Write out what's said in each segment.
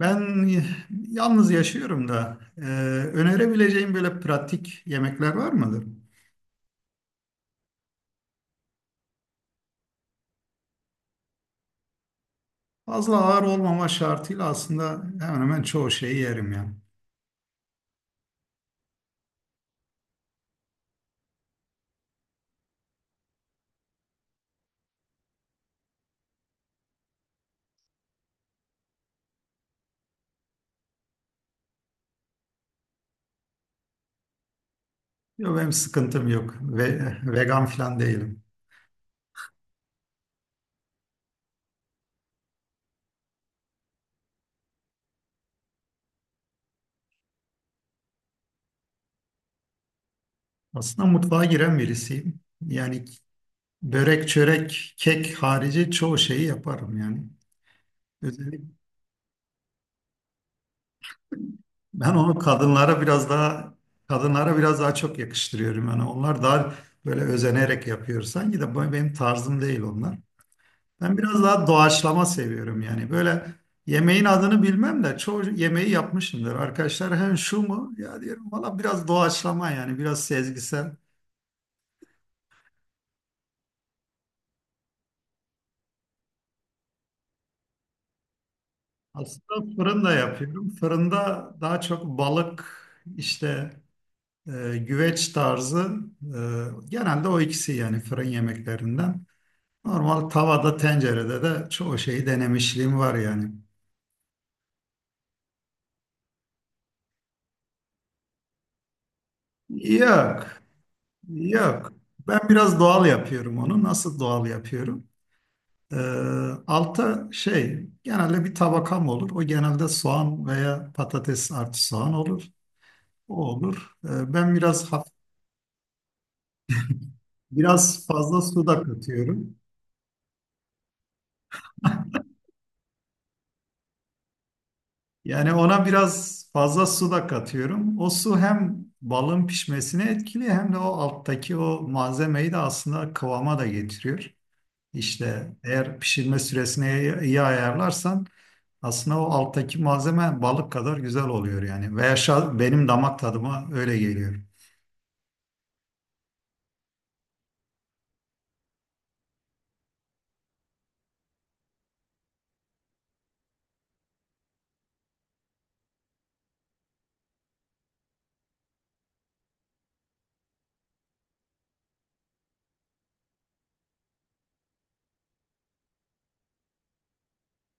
Ben yalnız yaşıyorum da önerebileceğim böyle pratik yemekler var mıdır? Fazla ağır olmama şartıyla aslında hemen hemen çoğu şeyi yerim yani. Yok benim sıkıntım yok ve vegan falan değilim. Aslında mutfağa giren birisiyim. Yani börek, çörek, kek harici çoğu şeyi yaparım yani. Özellikle ben onu kadınlara biraz daha çok yakıştırıyorum yani. Onlar daha böyle özenerek yapıyor. Sanki de bu benim tarzım değil onlar. Ben biraz daha doğaçlama seviyorum yani. Böyle yemeğin adını bilmem de çoğu yemeği yapmışımdır. Arkadaşlar hem şu mu? Ya diyorum valla biraz doğaçlama yani biraz sezgisel. Aslında fırında yapıyorum. Fırında daha çok balık işte güveç tarzı, genelde o ikisi yani fırın yemeklerinden. Normal tavada tencerede de çoğu şeyi denemişliğim var yani. Yok, yok. Ben biraz doğal yapıyorum onu. Nasıl doğal yapıyorum? Ee, Alta şey genelde bir tabakam olur. O genelde soğan veya patates artı soğan olur. O olur. Ben biraz biraz fazla su da katıyorum. Yani ona biraz fazla su da katıyorum. O su hem balın pişmesine etkili hem de o alttaki o malzemeyi de aslında kıvama da getiriyor. İşte eğer pişirme süresini iyi ayarlarsan aslında o alttaki malzeme balık kadar güzel oluyor yani. Veya benim damak tadıma öyle geliyor.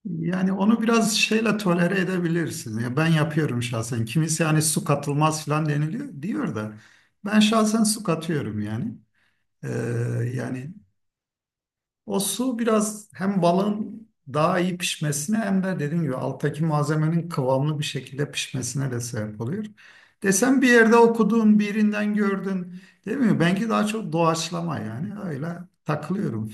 Yani onu biraz şeyle tolere edebilirsin. Ya ben yapıyorum şahsen. Kimisi hani su katılmaz falan deniliyor diyor da ben şahsen su katıyorum yani. Ee, Yani o su biraz hem balın daha iyi pişmesine hem de dediğim gibi alttaki malzemenin kıvamlı bir şekilde pişmesine de sebep oluyor. Desem bir yerde okudun, birinden gördün, değil mi? Belki daha çok doğaçlama yani öyle takılıyorum.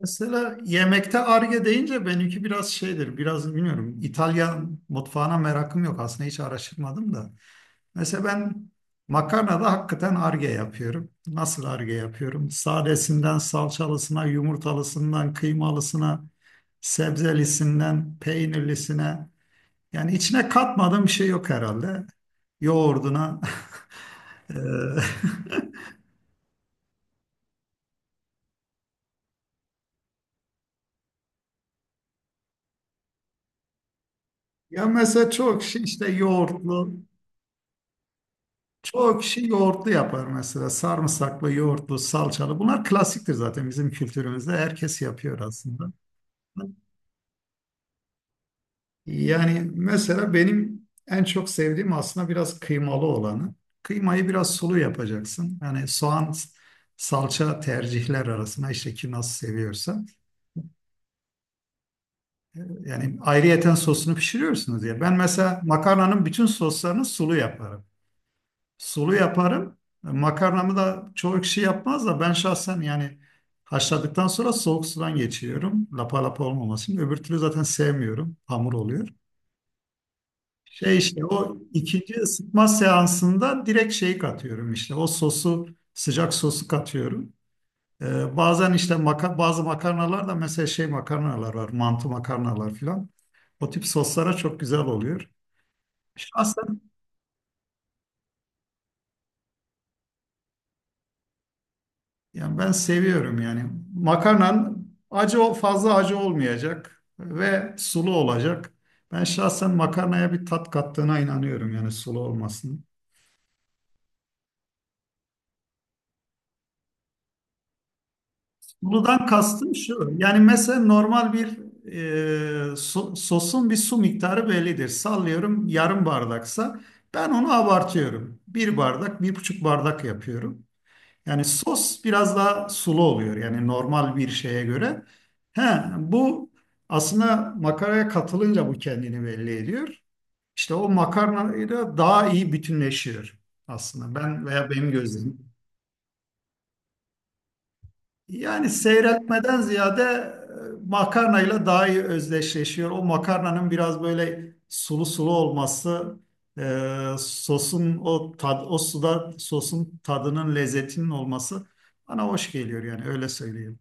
Mesela yemekte arge deyince benimki biraz şeydir, biraz bilmiyorum. İtalyan mutfağına merakım yok. Aslında hiç araştırmadım da. Mesela ben makarnada hakikaten arge yapıyorum. Nasıl arge yapıyorum? Sadesinden salçalısına, yumurtalısından kıymalısına, sebzelisinden peynirlisine. Yani içine katmadığım bir şey yok herhalde. Yoğurduna. Eee, Ya mesela çok şey işte yoğurtlu. Çoğu kişi yoğurtlu yapar mesela. Sarımsaklı, yoğurtlu, salçalı. Bunlar klasiktir zaten bizim kültürümüzde. Herkes yapıyor aslında. Yani mesela benim en çok sevdiğim aslında biraz kıymalı olanı. Kıymayı biraz sulu yapacaksın. Yani soğan, salça tercihler arasında işte ki nasıl seviyorsa. Yani ayrıyeten sosunu pişiriyorsunuz diye. Ben mesela makarnanın bütün soslarını sulu yaparım. Sulu yaparım. Makarnamı da çoğu kişi yapmaz da ben şahsen yani haşladıktan sonra soğuk sudan geçiriyorum. Lapa lapa olmaması için. Öbür türlü zaten sevmiyorum. Hamur oluyor. Şey işte o ikinci ısıtma seansında direkt şeyi katıyorum işte. O sosu sıcak sosu katıyorum. Bazen işte bazı makarnalar da mesela şey makarnalar var. Mantı makarnalar filan. O tip soslara çok güzel oluyor. Şahsen yani ben seviyorum yani. Makarnan fazla acı olmayacak ve sulu olacak. Ben şahsen makarnaya bir tat kattığına inanıyorum yani sulu olmasının. Suludan kastım şu. Yani mesela normal bir sosun bir su miktarı bellidir. Sallıyorum yarım bardaksa ben onu abartıyorum. Bir bardak, bir buçuk bardak yapıyorum. Yani sos biraz daha sulu oluyor yani normal bir şeye göre. He, bu aslında makaraya katılınca bu kendini belli ediyor. İşte o makarnayla daha iyi bütünleşiyor aslında ben veya benim gözlemim. Yani seyreltmeden ziyade makarnayla daha iyi özdeşleşiyor. O makarnanın biraz böyle sulu sulu olması, sosun o suda sosun tadının lezzetinin olması bana hoş geliyor yani öyle söyleyeyim.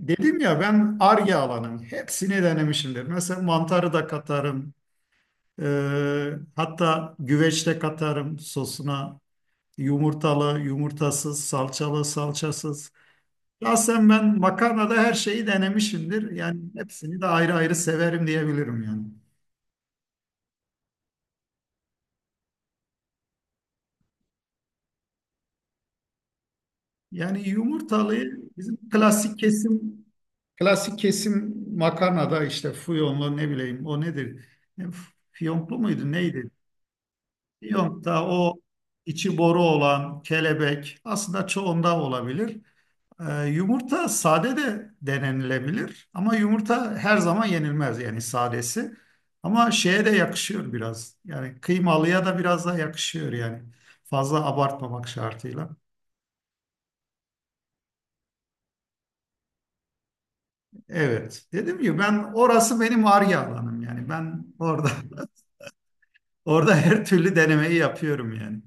Dedim ya ben Ar-Ge alanım. Hepsini denemişimdir. Mesela mantarı da katarım. Hatta güveç de katarım sosuna. Yumurtalı, yumurtasız, salçalı, salçasız. Şahsen ben makarnada her şeyi denemişimdir. Yani hepsini de ayrı ayrı severim diyebilirim yani. Yani yumurtalıyı bizim klasik kesim makarnada işte fiyonlu ne bileyim o nedir? E, Fiyonklu muydu neydi? Yont'ta o içi boru olan kelebek aslında çoğunda olabilir. Yumurta sade de denenilebilir ama yumurta her zaman yenilmez yani sadesi. Ama şeye de yakışıyor biraz. Yani kıymalıya da biraz da yakışıyor yani. Fazla abartmamak şartıyla. Evet. Dedim ki ben orası benim ar alanım yani. Ben orada orada her türlü denemeyi yapıyorum yani.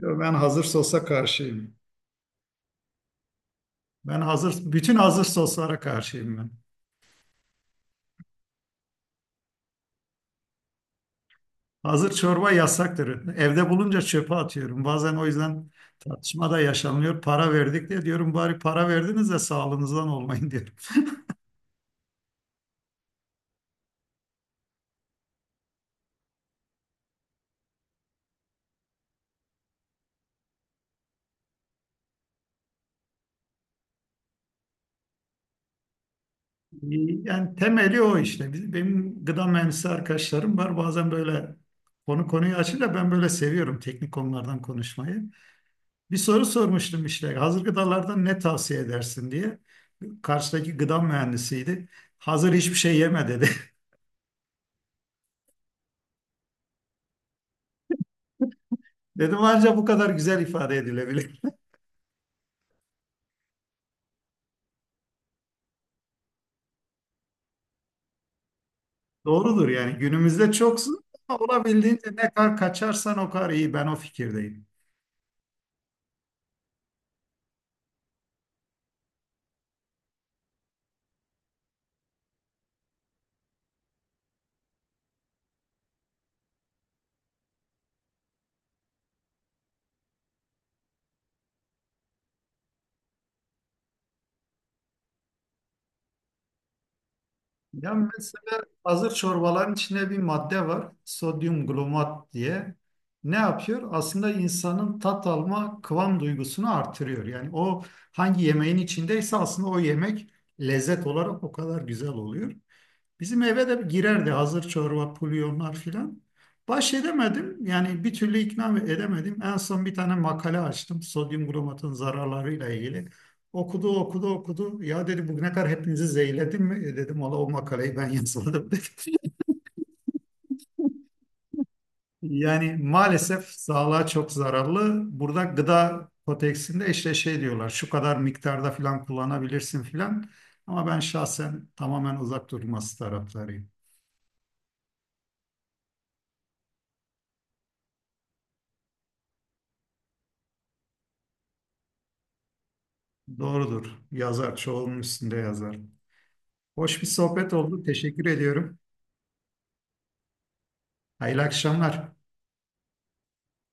Yo, ben hazır sosa karşıyım. Ben hazır, bütün hazır soslara karşıyım ben. Hazır çorba yasaktır. Evde bulunca çöpe atıyorum. Bazen o yüzden tartışma da yaşanıyor. Para verdik diye diyorum bari para verdiniz de sağlığınızdan olmayın diyorum. Yani temeli o işte. Benim gıda mühendisi arkadaşlarım var. Bazen böyle konu konuyu açınca ben böyle seviyorum teknik konulardan konuşmayı. Bir soru sormuştum işte. Hazır gıdalardan ne tavsiye edersin diye. Karşıdaki gıda mühendisiydi. Hazır hiçbir şey yeme dedi. Dedim ancak bu kadar güzel ifade edilebilir. Doğrudur yani günümüzde çoksun ama olabildiğince ne kadar kaçarsan o kadar iyi. Ben o fikirdeyim. Ya mesela hazır çorbaların içinde bir madde var. Sodyum glomat diye. Ne yapıyor? Aslında insanın tat alma kıvam duygusunu artırıyor. Yani o hangi yemeğin içindeyse aslında o yemek lezzet olarak o kadar güzel oluyor. Bizim eve de girerdi hazır çorba, pulyonlar filan. Baş edemedim. Yani bir türlü ikna edemedim. En son bir tane makale açtım. Sodyum glomatın zararlarıyla ilgili. Okudu, okudu, okudu. Ya dedi bugüne kadar hepinizi zehirledim mi? E dedim valla o makaleyi ben yazmadım dedi. Yani maalesef sağlığa çok zararlı. Burada gıda kodeksinde işte şey diyorlar. Şu kadar miktarda filan kullanabilirsin filan. Ama ben şahsen tamamen uzak durması taraftarıyım. Doğrudur. Yazar. Çoğunun üstünde yazar. Hoş bir sohbet oldu. Teşekkür ediyorum. Hayırlı akşamlar.